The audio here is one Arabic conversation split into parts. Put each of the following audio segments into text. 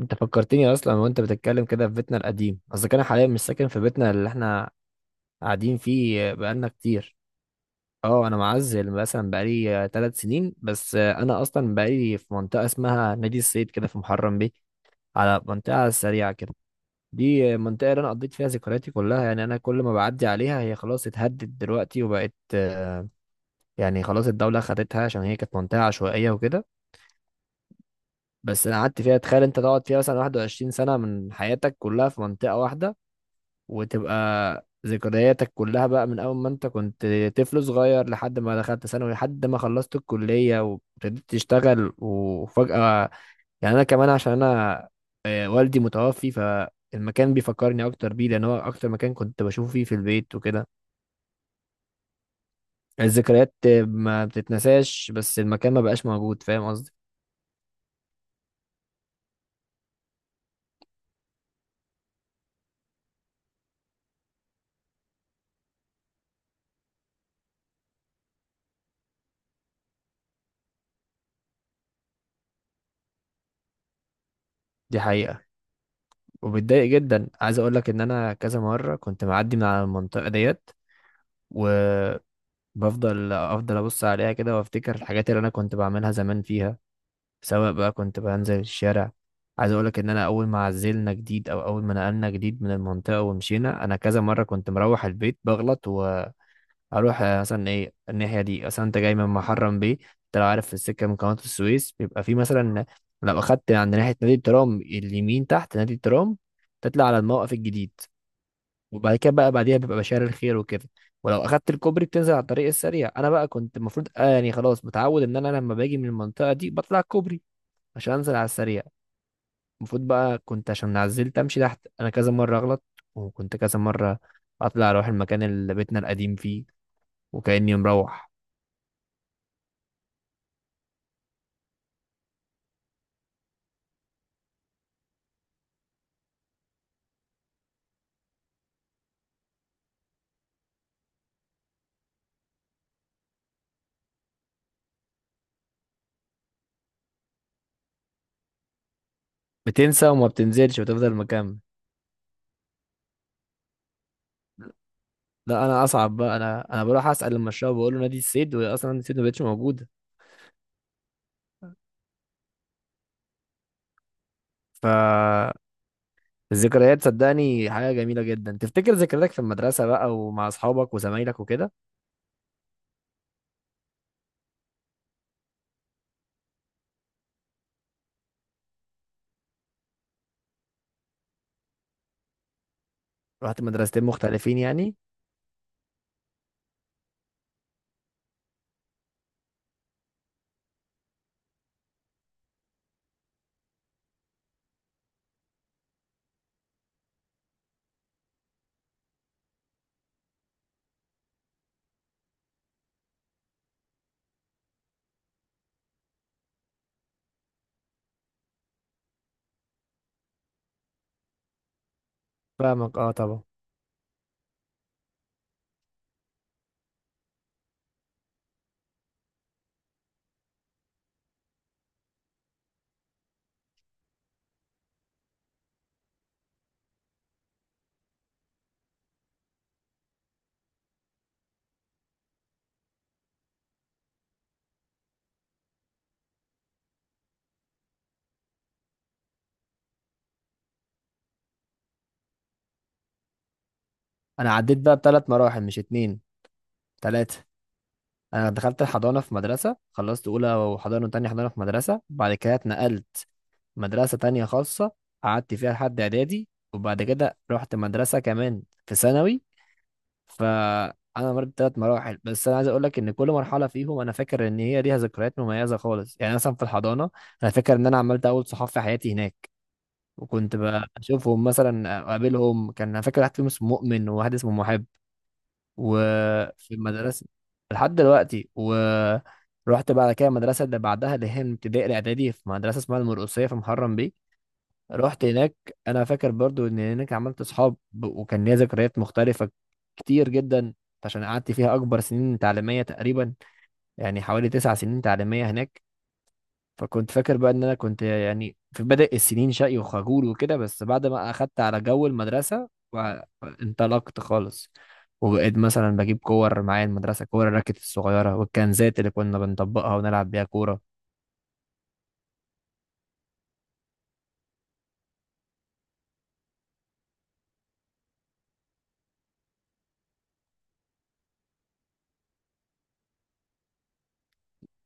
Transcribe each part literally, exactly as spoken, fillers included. انت فكرتني اصلا وانت بتتكلم كده في بيتنا القديم، اصل انا حاليا مش ساكن في بيتنا اللي احنا قاعدين فيه بقالنا كتير. اه انا معزل مثلا بقالي ثلاث سنين بس. آه، انا اصلا بقالي في منطقه اسمها نادي الصيد كده في محرم بيه، على منطقه سريعه كده. دي منطقه اللي انا قضيت فيها ذكرياتي كلها، يعني انا كل ما بعدي عليها هي خلاص اتهدت دلوقتي وبقت آه، يعني خلاص الدوله خدتها عشان هي كانت منطقه عشوائيه وكده. بس انا قعدت فيها، تخيل انت تقعد فيها مثلا واحد وعشرين سنه من حياتك كلها في منطقه واحده، وتبقى ذكرياتك كلها بقى من أول ما أنت كنت طفل صغير لحد ما دخلت ثانوي لحد ما خلصت الكلية وابتديت تشتغل، وفجأة يعني أنا كمان عشان أنا آه، والدي متوفي، فالمكان بيفكرني أكتر بيه لأن هو أكتر مكان كنت بشوفه فيه في البيت وكده. الذكريات ما بتتنساش بس المكان ما بقاش موجود، فاهم قصدي؟ دي حقيقة، وبتضايق جدا. عايز أقول لك إن أنا كذا مرة كنت معدي من على المنطقة ديت و... بفضل افضل ابص عليها كده وافتكر الحاجات اللي انا كنت بعملها زمان فيها، سواء بقى كنت بنزل الشارع. عايز اقولك ان انا اول ما عزلنا جديد او اول ما نقلنا جديد من المنطقه ومشينا، انا كذا مره كنت مروح البيت بغلط واروح آه، مثلا، ايه الناحيه دي، مثلا انت جاي من محرم بيه، انت لو عارف في السكه من قناه السويس بيبقى في مثلا لو اخدت عند ناحيه نادي الترام اليمين تحت نادي الترام تطلع على الموقف الجديد، وبعد كده بقى بعديها بيبقى بشار الخير وكده، ولو اخدت الكوبري بتنزل على الطريق السريع. انا بقى كنت المفروض آه يعني خلاص متعود ان انا لما باجي من المنطقه دي بطلع الكوبري عشان انزل على السريع. المفروض بقى كنت عشان عزلت امشي تحت، انا كذا مره اغلط وكنت كذا مره اطلع اروح المكان اللي بيتنا القديم فيه، وكاني مروح. بتنسى وما بتنزلش وتفضل مكمل. لا انا اصعب بقى، انا انا بروح اسال المشروع بقول له نادي السيد، واصلا نادي السيد ما بقتش موجوده. ف الذكريات صدقني حاجة جميلة جدا، تفتكر ذكرياتك في المدرسة بقى ومع أصحابك وزمايلك وكده. رحت مدرستين مختلفين يعني؟ فاهمك، اه طبعا. أنا عديت بقى بثلاث مراحل مش اتنين، تلاتة. أنا دخلت الحضانة في مدرسة، خلصت أولى وحضانة وتانية حضانة في مدرسة، بعد كده اتنقلت مدرسة تانية خاصة، قعدت فيها لحد إعدادي، وبعد كده رحت مدرسة كمان في ثانوي. فانا مريت بثلاث مراحل، بس انا عايز اقول لك ان كل مرحله فيهم انا فاكر ان هي ليها ذكريات مميزه خالص. يعني مثلا في الحضانه انا فاكر ان انا عملت اول صحاب في حياتي هناك، وكنت بشوفهم مثلا اقابلهم. كان انا فاكر واحد فيهم اسمه مؤمن وواحد اسمه محب. وفي المدرسه لحد دلوقتي. ورحت بعد كده المدرسه اللي بعدها، اللي هي من ابتدائي الاعدادي، في مدرسه اسمها المرقصيه في محرم بيه. رحت هناك، انا فاكر برضو ان هناك عملت اصحاب ب- وكان ليا ذكريات مختلفه كتير جدا عشان قعدت فيها اكبر سنين تعليميه تقريبا، يعني حوالي تسع سنين تعليميه هناك. فكنت فاكر بقى ان انا كنت يعني في بدء السنين شقي وخجول وكده، بس بعد ما اخدت على جو المدرسه وانطلقت خالص وبقيت مثلا بجيب كور معايا المدرسه، كور الراكت الصغيره والكنزات اللي كنا بنطبقها ونلعب بيها كوره.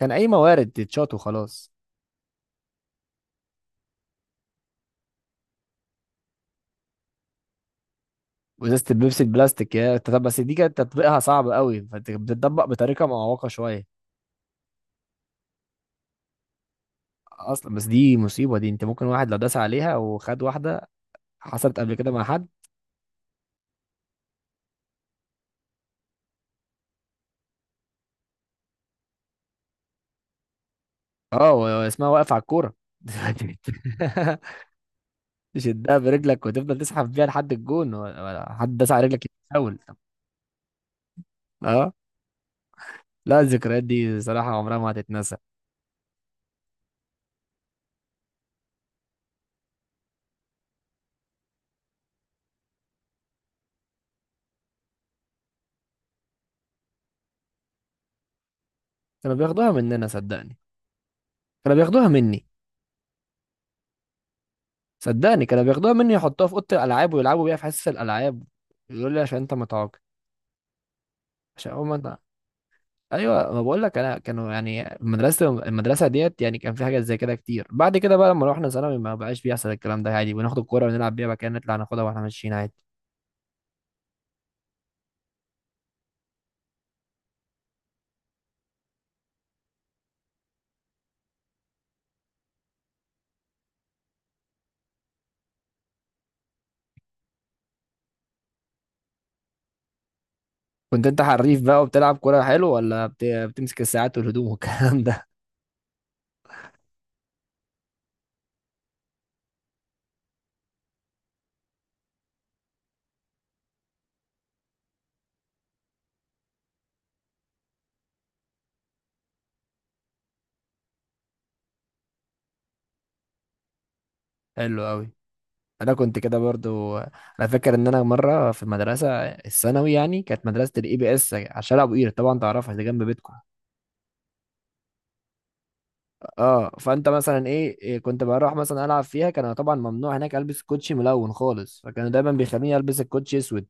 كان اي موارد تتشاط وخلاص. وازازه البيبسي البلاستيك يا انت. طب بس دي كانت تطبيقها صعب قوي، فانت بتطبق بطريقه معوقه شويه. اصلا بس دي مصيبه، دي انت ممكن واحد لو داس عليها وخد واحده. حصلت قبل كده مع حد. اه و- واسمها واقف على الكوره. تشدها برجلك وتفضل تسحب بيها لحد الجون، و- ولا حد داس على رجلك يتفاول. اه لا الذكريات دي صراحه عمرها ما هتتنسى. كانوا بياخدوها مننا صدقني، كانوا بياخدوها مني. صدقني كانوا بياخدوها مني، يحطوها في اوضه الالعاب ويلعبوا بيها في حصص الالعاب. يقول لي عشان انت متعاقد. عشان هو ما. ايوه، ما بقول لك انا كانوا يعني، المدرسه المدرسه ديت يعني كان في حاجات زي كده كتير. بعد كده بقى لما روحنا ثانوي ما بقاش بيحصل الكلام ده، عادي بناخد الكوره ونلعب بيها مكان، نطلع ناخدها واحنا ماشيين عادي. كنت انت حريف بقى وبتلعب كوره حلو، ولا بت... بتمسك الساعات والهدوم والكلام ده؟ حلو قوي. انا كنت كده برضو. انا فاكر ان انا مره في المدرسه الثانوي، يعني كانت مدرسه الاي بي اس على شارع ابو قير، طبعا تعرفها دي جنب بيتكم. اه فانت مثلا ايه إيه، كنت بروح مثلا العب فيها. كان طبعا ممنوع هناك البس كوتشي ملون خالص، فكانوا دايما بيخليني البس الكوتشي اسود،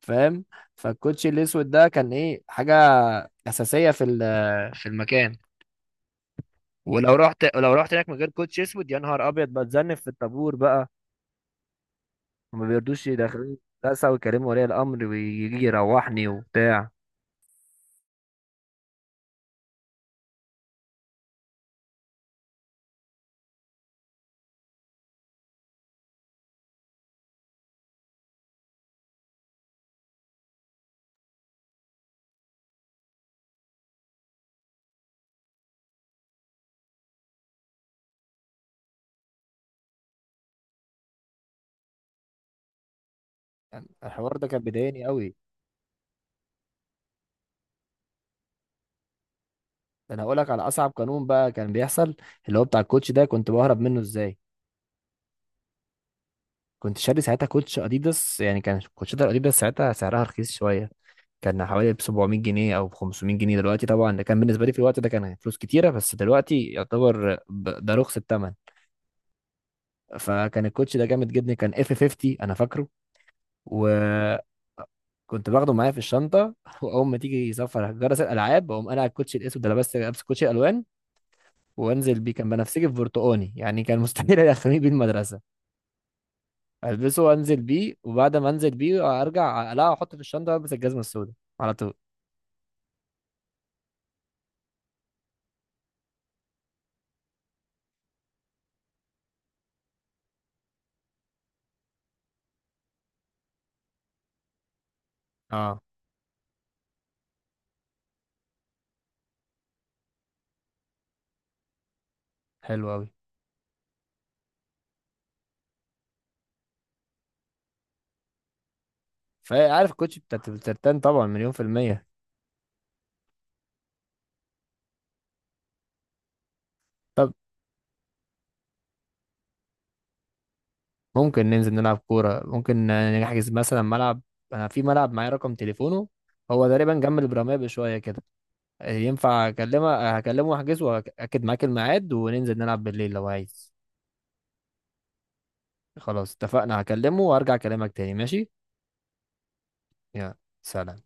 فاهم؟ فالكوتشي الاسود ده كان ايه، حاجه اساسيه في ال- في المكان. ولو رحت لو رحت هناك من غير كوتشي اسود يا نهار ابيض، بتذنب في الطابور بقى وما بيردوش يدخلوني المدرسه، ويكلموا ولي الامر ويجي يروحني وبتاع. الحوار ده كان بيضايقني قوي. ده انا هقول لك على اصعب قانون بقى كان بيحصل، اللي هو بتاع الكوتش ده، كنت بهرب منه ازاي. كنت شاري ساعتها كوتش اديداس، يعني كان كوتشات الاديداس ساعتها سعرها رخيص شويه، كان حوالي ب سبعمائة جنيه او ب خمسمية جنيه. دلوقتي طبعا ده كان بالنسبه لي في الوقت ده كان فلوس كتيره، بس دلوقتي يعتبر ب- ده رخص الثمن. فكان الكوتش ده جامد جدا، كان اف خمسين انا فاكره. وكنت باخده معايا في الشنطه واول ما تيجي سفر جرس الالعاب اقوم انا على الكوتش الاسود ده لابس لابس كوتش الوان وانزل بيه، كان بنفسجي في برتقاني، يعني كان مستحيل يدخلني بيه المدرسه. البسه وانزل بيه، وبعد ما انزل بيه ارجع اقلعه واحطه في الشنطه والبس الجزمه السوداء على طول. اه حلو قوي. فعارف الكوتش بتاعت الترتان طبعا مليون في الميه. طب ممكن ننزل نلعب كوره؟ ممكن نحجز مثلا ملعب، انا في ملعب معايا رقم تليفونه، هو تقريبا جنب البراميه بشويه كده. ينفع اكلمه؟ هكلمه واحجز واكد معاك الميعاد وننزل نلعب بالليل لو عايز. خلاص اتفقنا، هكلمه وارجع اكلمك تاني. ماشي، يا سلام.